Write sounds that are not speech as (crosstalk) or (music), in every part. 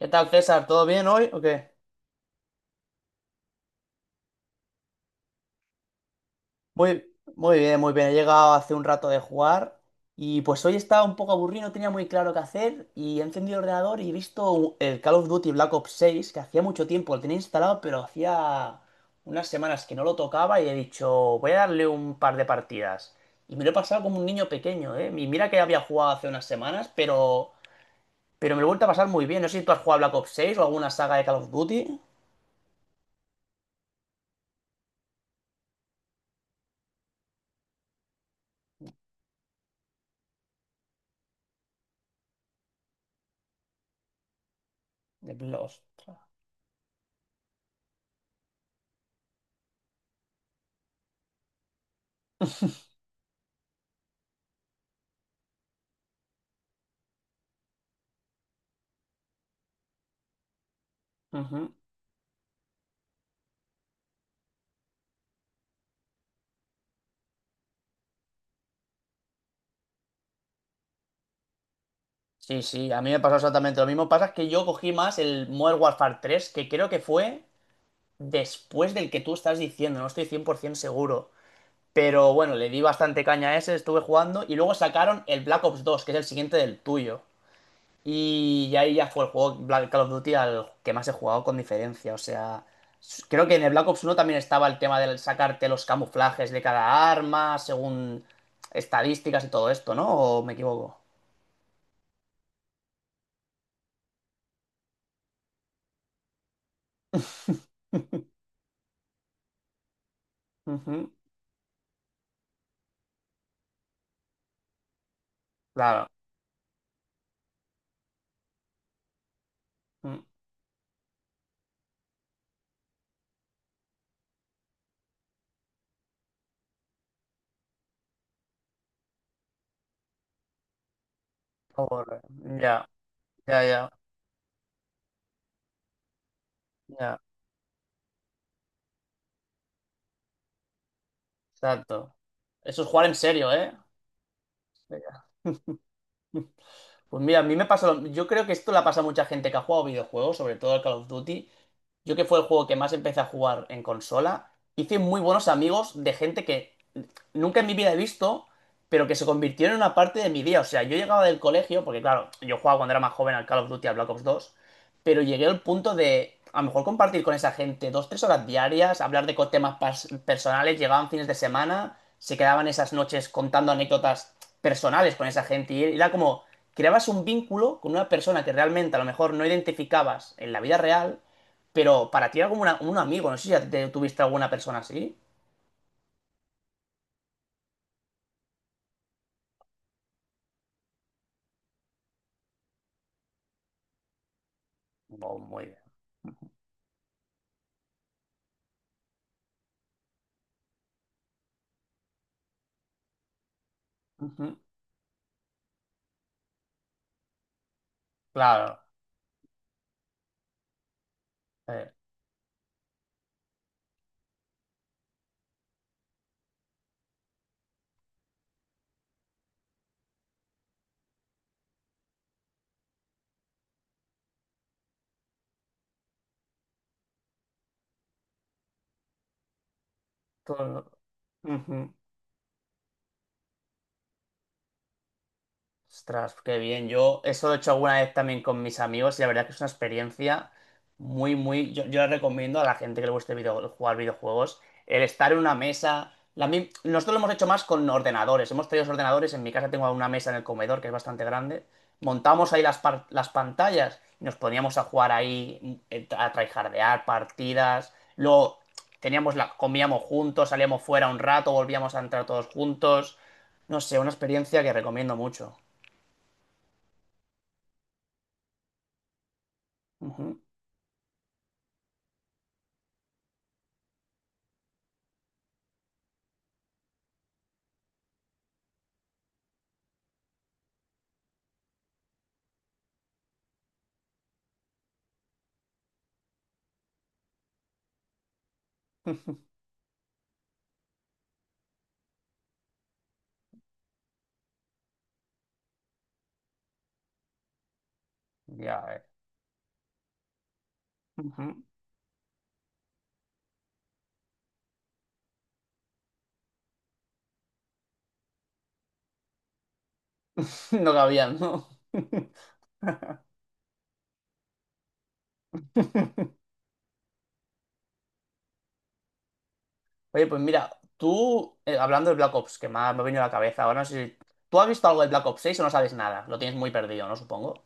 ¿Qué tal, César? ¿Todo bien hoy o qué? Muy, muy bien, muy bien. He llegado hace un rato de jugar y pues hoy estaba un poco aburrido, no tenía muy claro qué hacer y he encendido el ordenador y he visto el Call of Duty Black Ops 6 que hacía mucho tiempo, lo tenía instalado, pero hacía unas semanas que no lo tocaba y he dicho, voy a darle un par de partidas. Y me lo he pasado como un niño pequeño, ¿eh? Y mira que había jugado hace unas semanas, pero me lo he vuelto a pasar muy bien. No sé si tú has jugado a Black Ops 6 o alguna saga de Call of Duty. De Black Ops. Ujú. Sí, sí, a mí me pasó exactamente lo mismo. Pasa que yo cogí más el Modern Warfare 3, que creo que fue después del que tú estás diciendo, no estoy 100% seguro. Pero bueno, le di bastante caña a ese, estuve jugando y luego sacaron el Black Ops 2, que es el siguiente del tuyo. Y ahí ya fue el juego Black Call of Duty al que más he jugado con diferencia. O sea, creo que en el Black Ops 1 también estaba el tema de sacarte los camuflajes de cada arma, según estadísticas y todo esto, ¿no? ¿O me equivoco? (laughs) Ujú. Claro. Mm. Pobre. Ya, ya, ya, ya, exacto. Eso es jugar en serio, ¿eh? Venga. (laughs) Pues mira, a mí me pasa lo... Yo creo que esto la pasa a mucha gente que ha jugado videojuegos, sobre todo al Call of Duty. Yo que fue el juego que más empecé a jugar en consola, hice muy buenos amigos de gente que nunca en mi vida he visto, pero que se convirtieron en una parte de mi día. O sea, yo llegaba del colegio, porque claro, yo jugaba cuando era más joven al Call of Duty, al Black Ops 2, pero llegué al punto de a lo mejor compartir con esa gente dos, tres horas diarias, hablar de temas personales, llegaban fines de semana, se quedaban esas noches contando anécdotas personales con esa gente y era como creabas un vínculo con una persona que realmente a lo mejor no identificabas en la vida real, pero para ti era como un amigo, no sé si ya tuviste alguna persona así. Muy bien. Ujú. Claro. eh, todo- Ujú. Ostras, qué bien. Yo eso lo he hecho alguna vez también con mis amigos y la verdad que es una experiencia muy, muy. Yo la recomiendo a la gente que le guste jugar videojuegos, el estar en una mesa. Nosotros lo hemos hecho más con ordenadores. Hemos traído los ordenadores. En mi casa tengo una mesa en el comedor que es bastante grande. Montamos ahí las pantallas y nos poníamos a jugar ahí, a tryhardear partidas. Luego comíamos juntos, salíamos fuera un rato, volvíamos a entrar todos juntos. No sé, una experiencia que recomiendo mucho. Ujú. (laughs) Ya ves. Ujú. (laughs) No cabían, ¿no? (laughs) Oye, pues mira, tú, hablando de Black Ops, que me ha venido a la cabeza, ahora no sé si. ¿Tú has visto algo de Black Ops 6 o no sabes nada? Lo tienes muy perdido, ¿no? Supongo.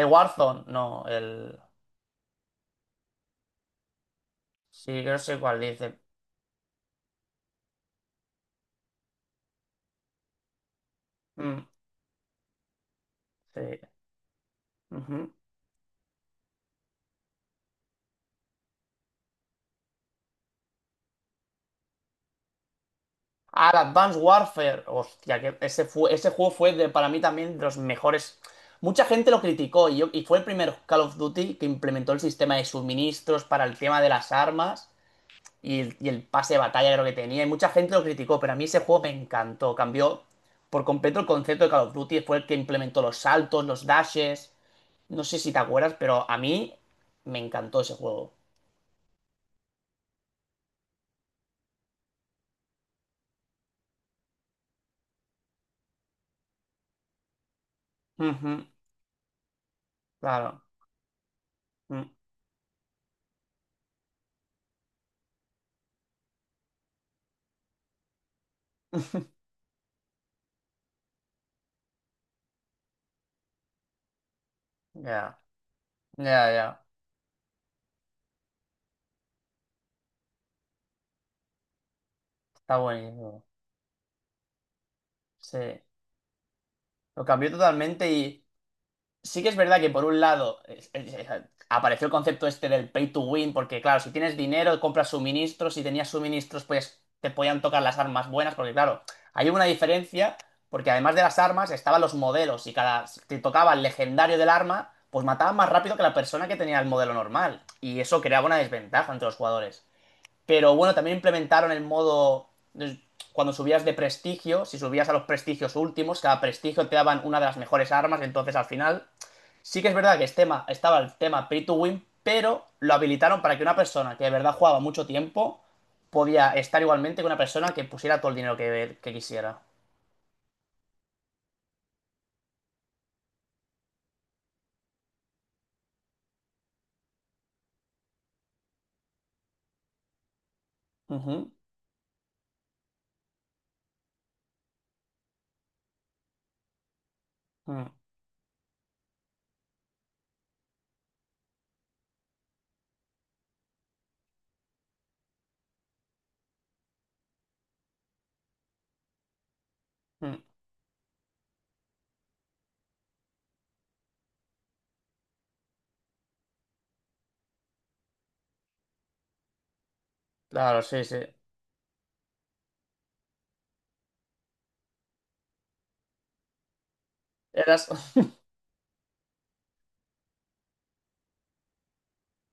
El Warzone, no, el. Sí, yo sé cuál dice. Mm, sí. Ujú. Ah, el Advanced Warfare. Hostia, que ese juego para mí también de los mejores. Mucha gente lo criticó y fue el primer Call of Duty que implementó el sistema de suministros para el tema de las armas. Y el pase de batalla creo que tenía. Y mucha gente lo criticó, pero a mí ese juego me encantó. Cambió por completo el concepto de Call of Duty. Fue el que implementó los saltos, los dashes. No sé si te acuerdas, pero a mí me encantó ese juego. Ujú, claro. Mm. (laughs) Ya, ya, ya. Está buenísimo. Sí. Lo cambió totalmente. Y sí que es verdad que por un lado apareció el concepto este del pay to win, porque claro, si tienes dinero, compras suministros, si tenías suministros, pues te podían tocar las armas buenas, porque claro, hay una diferencia, porque además de las armas estaban los modelos, y cada si te tocaba el legendario del arma, pues mataba más rápido que la persona que tenía el modelo normal, y eso creaba una desventaja entre los jugadores. Pero bueno, también implementaron el modo, eh, cuando subías de prestigio, si subías a los prestigios últimos, cada prestigio te daban una de las mejores armas, entonces al final. Sí que es verdad que este tema, estaba el tema Pay to Win, pero lo habilitaron para que una persona que de verdad jugaba mucho tiempo podía estar igualmente que una persona que pusiera todo el dinero que quisiera. Ujú, mm, mm. Claro, sí, sí. Eras. (laughs)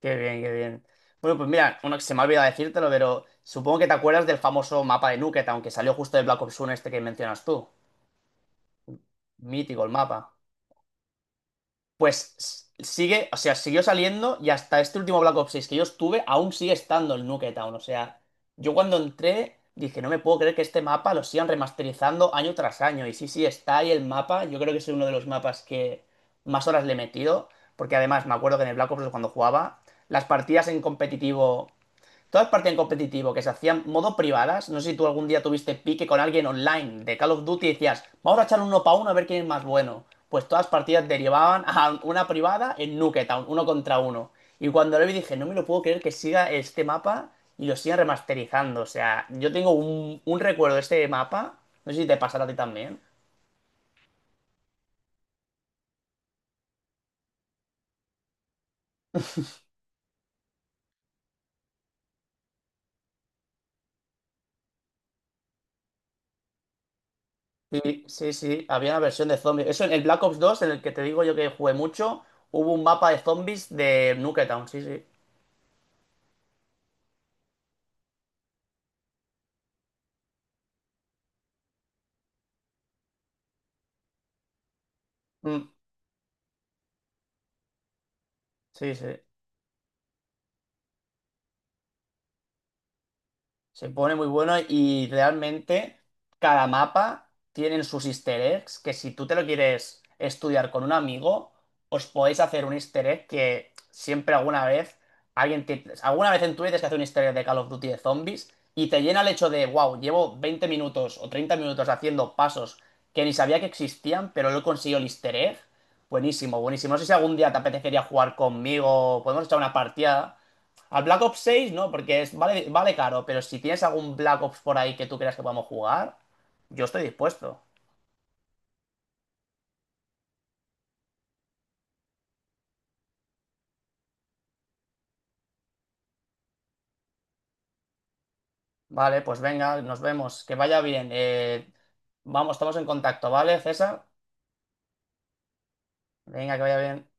Qué bien, qué bien. Bueno, pues mira, uno que se me ha olvidado decírtelo, pero supongo que te acuerdas del famoso mapa de Nuket, aunque salió justo de Black Ops 1 este que mencionas tú. Mítico el mapa. Pues sigue, o sea, siguió saliendo y hasta este último Black Ops 6 que yo estuve, aún sigue estando el Nuketown. O sea, yo cuando entré dije, no me puedo creer que este mapa lo sigan remasterizando año tras año. Y sí, sí, está ahí el mapa. Yo creo que es uno de los mapas que más horas le he metido. Porque además me acuerdo que en el Black Ops cuando jugaba, las partidas en competitivo. Todas partían competitivo, que se hacían modo privadas. No sé si tú algún día tuviste pique con alguien online de Call of Duty y decías, vamos a echar uno para uno a ver quién es más bueno. Pues todas partidas derivaban a una privada en Nuketown, uno contra uno. Y cuando lo vi dije, no me lo puedo creer que siga este mapa y lo sigan remasterizando. O sea, yo tengo un recuerdo de este mapa, no sé si te pasará a ti también. Sí, sí, sí, había una versión de zombies. Eso en el Black Ops 2 en el que te digo yo que jugué mucho, hubo un mapa de zombies de Nuketown, sí, sí. Mm, sí, sí. Se pone muy bueno y realmente cada mapa tiene sus easter eggs que si tú te lo quieres estudiar con un amigo, os podéis hacer un easter egg que siempre alguna vez alguna vez en tu vida tienes que hacer un easter egg de Call of Duty de zombies y te llena el hecho de, wow, llevo 20 minutos o 30 minutos haciendo pasos que ni sabía que existían, pero no he conseguido el easter egg. Buenísimo, buenísimo. No sé si algún día te apetecería jugar conmigo, podemos echar una partida. Al Black Ops 6 no, porque es, vale, vale caro, pero si tienes algún Black Ops por ahí que tú creas que podamos jugar, yo estoy dispuesto. Vale, pues venga, nos vemos. Que vaya bien. Vamos, estamos en contacto, ¿vale, César? Venga, que vaya bien.